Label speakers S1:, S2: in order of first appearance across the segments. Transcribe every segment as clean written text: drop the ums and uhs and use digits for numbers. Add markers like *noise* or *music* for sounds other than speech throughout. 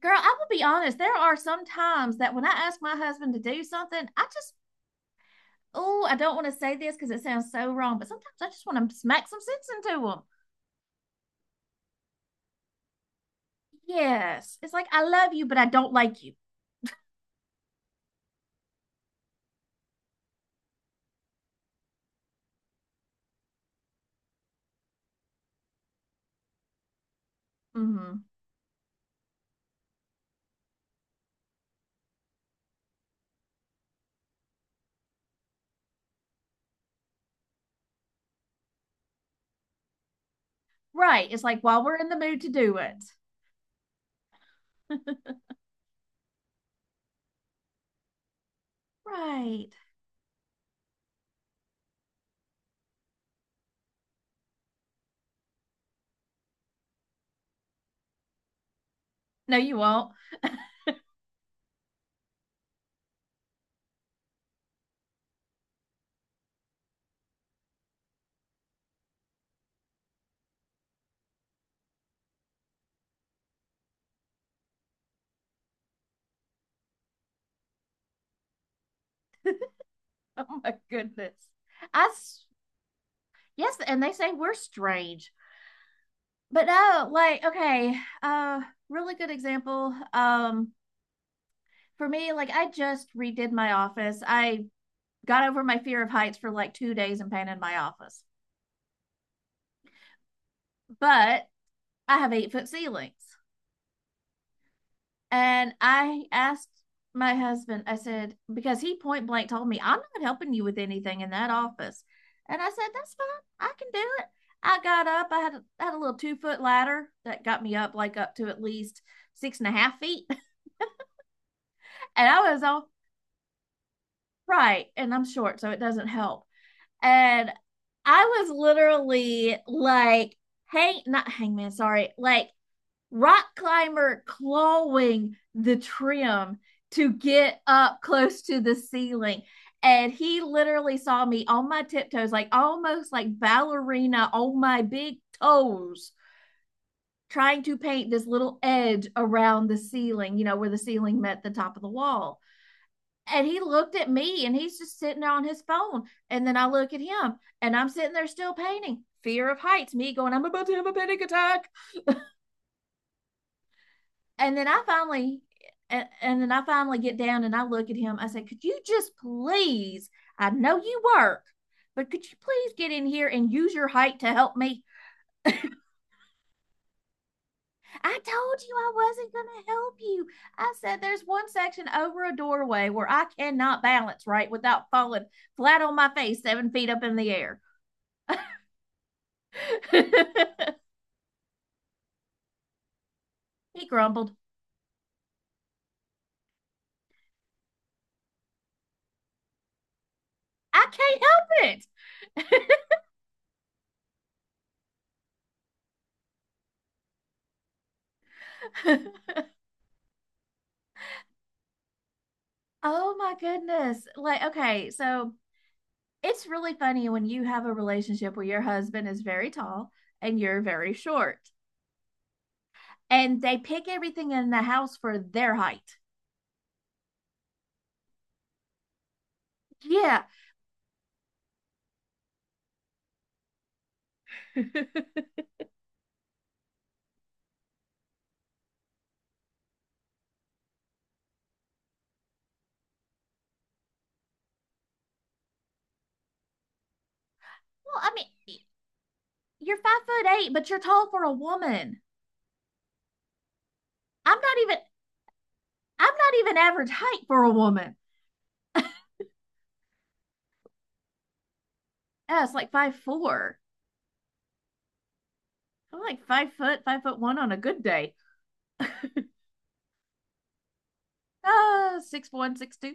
S1: Girl, I will be honest. There are some times that when I ask my husband to do something, I just, oh, I don't want to say this because it sounds so wrong, but sometimes I just want to smack some sense into him. Yes. It's like, I love you, but I don't like you. Hmm. Right. It's like, while we're in the mood to do it. *laughs* Right. No, you won't. Oh my goodness. I, s- yes, and they say we're strange. But no, like, okay, uh, really good example. For me, like I just redid my office. I got over my fear of heights for like 2 days and painted my office. But I have 8 foot ceilings. And I asked my husband, I said, because he point blank told me, I'm not helping you with anything in that office. And I said, that's fine. I can do it. I got up. I had, had a little 2 foot ladder that got me up like up to at least 6.5 feet. *laughs* And I was all right. And I'm short, so it doesn't help. And I was literally like, hang, not hangman, sorry, like rock climber clawing the trim to get up close to the ceiling. And he literally saw me on my tiptoes, like almost like ballerina on my big toes, trying to paint this little edge around the ceiling, you know, where the ceiling met the top of the wall. And he looked at me and he's just sitting there on his phone. And then I look at him and I'm sitting there still painting. Fear of heights, me going, I'm about to have a panic attack. and then I finally and then I finally get down and I look at him. I say, could you just please? I know you work, but could you please get in here and use your height to help me? I told you I wasn't going to help you. I said, there's one section over a doorway where I cannot balance right without falling flat on my face, 7 feet up in the air. *laughs* He grumbled, I can't help it. *laughs* Oh my goodness. Like, okay, so it's really funny when you have a relationship where your husband is very tall and you're very short and they pick everything in the house for their height. Yeah. Well, I mean, you're 5'8", but you're tall for a woman. I'm not even I'm not even average height for a woman. Yeah, it's like 5'4". I'm like five foot, 5'1" on a good day. *laughs* 6'1", 6'2".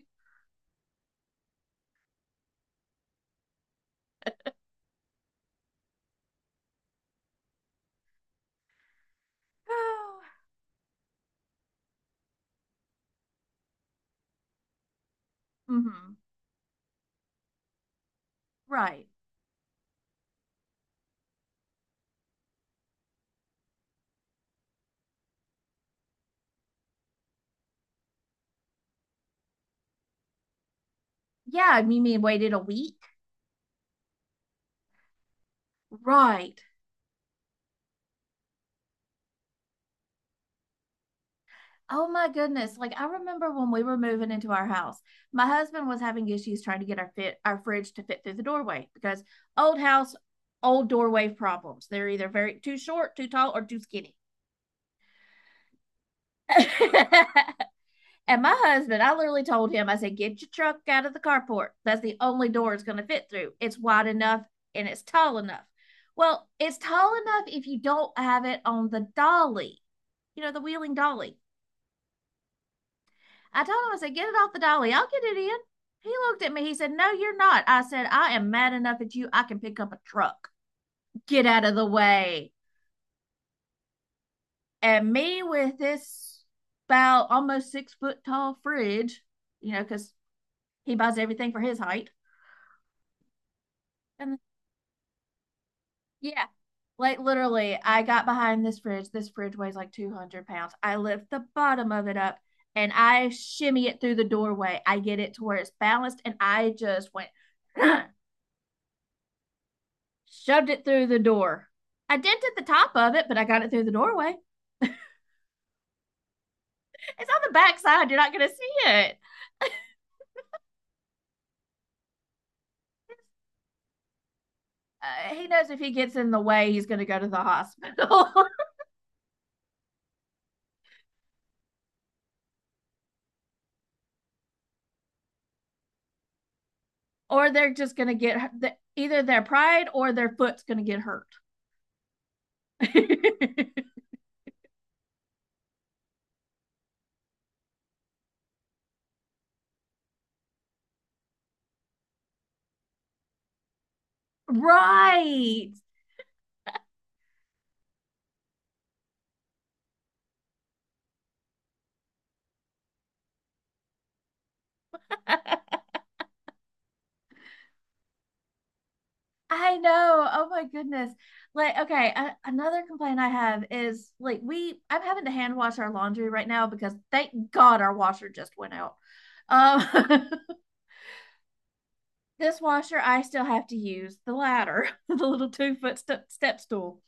S1: *sighs* Oh. Mm-hmm. Right. Yeah, you mean waited a week? Right. Oh my goodness. Like I remember when we were moving into our house, my husband was having issues trying to get our fit our fridge to fit through the doorway because old house, old doorway problems. They're either very too short, too tall, or too skinny. *laughs* And my husband, I literally told him, I said, get your truck out of the carport. That's the only door it's gonna fit through. It's wide enough and it's tall enough. Well, it's tall enough if you don't have it on the dolly, you know, the wheeling dolly. I told him, I said, get it off the dolly. I'll get it in. He looked at me. He said, no, you're not. I said, I am mad enough at you. I can pick up a truck. Get out of the way. And me with this about almost 6 foot tall fridge, you know, because he buys everything for his height. And, yeah, like literally, I got behind this fridge. This fridge weighs like 200 pounds. I lift the bottom of it up and I shimmy it through the doorway. I get it to where it's balanced and I just went shoved it through the door. I dented the top of it, but I got it through the doorway. It's on the back side. You're not going to see it. He knows if he gets in the way, he's going to go to the hospital, *laughs* or they're just going to either their pride or their foot's going to get hurt. *laughs* Right. *laughs* I know. Oh my goodness. Like, okay, another complaint I have is like we I'm having to hand wash our laundry right now because thank God our washer just went out. Um *laughs* This washer, I still have to use the ladder, *laughs* the little 2 foot step stool.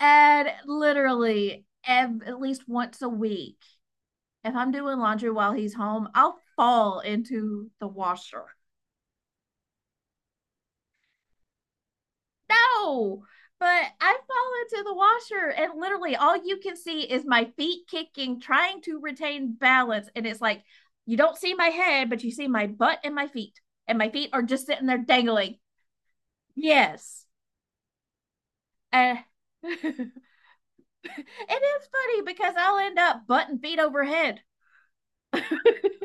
S1: And literally, at least once a week, if I'm doing laundry while he's home, I'll fall into the washer. No, but I fall into the washer, and literally all you can see is my feet kicking, trying to retain balance. And it's like you don't see my head, but you see my butt and my feet are just sitting there dangling. Yes. Uh, *laughs* it is funny because I'll end up butt and feet overhead *laughs*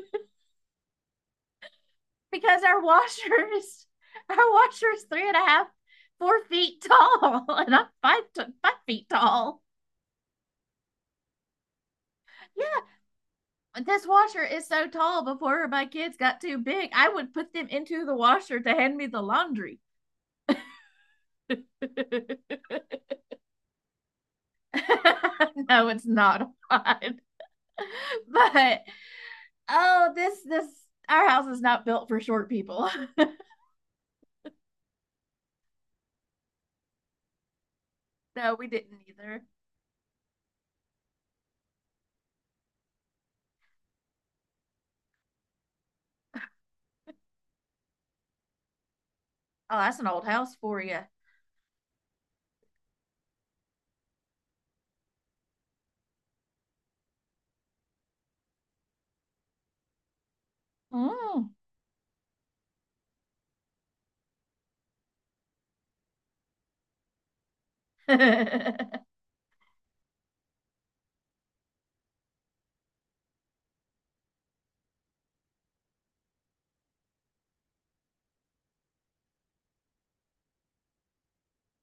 S1: because our washer's 3.5, 4 feet *laughs* tall, and I'm five to, 5 feet tall. Yeah, this washer is so tall. Before my kids got too big, I would put them into the washer to hand me the laundry. *laughs* No, it's not odd, *laughs* but oh, this our house is not built for short people. *laughs* No, we didn't either. Oh, that's an old house for you. Mm. *laughs*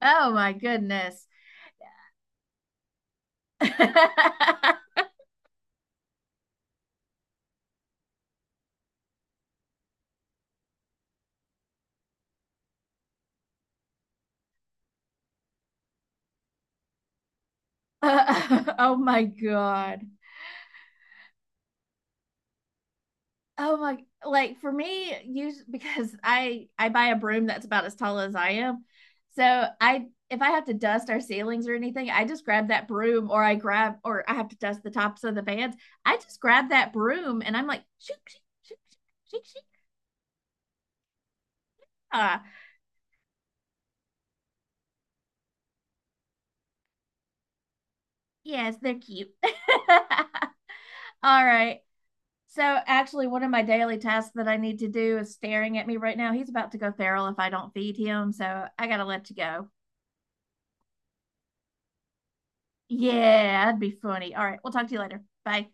S1: Oh my goodness. *laughs* *laughs* Oh my God. Oh my, like for me, use because I buy a broom that's about as tall as I am. So I if I have to dust our ceilings or anything, I just grab that broom or I have to dust the tops of the fans. I just grab that broom and I'm like, shoot, shoot, shoot, shoot, shoot, shoot. Ah, yes, they're cute. *laughs* All right. So actually, one of my daily tasks that I need to do is staring at me right now. He's about to go feral if I don't feed him, so I gotta let you go. Yeah, that'd be funny. All right, we'll talk to you later. Bye.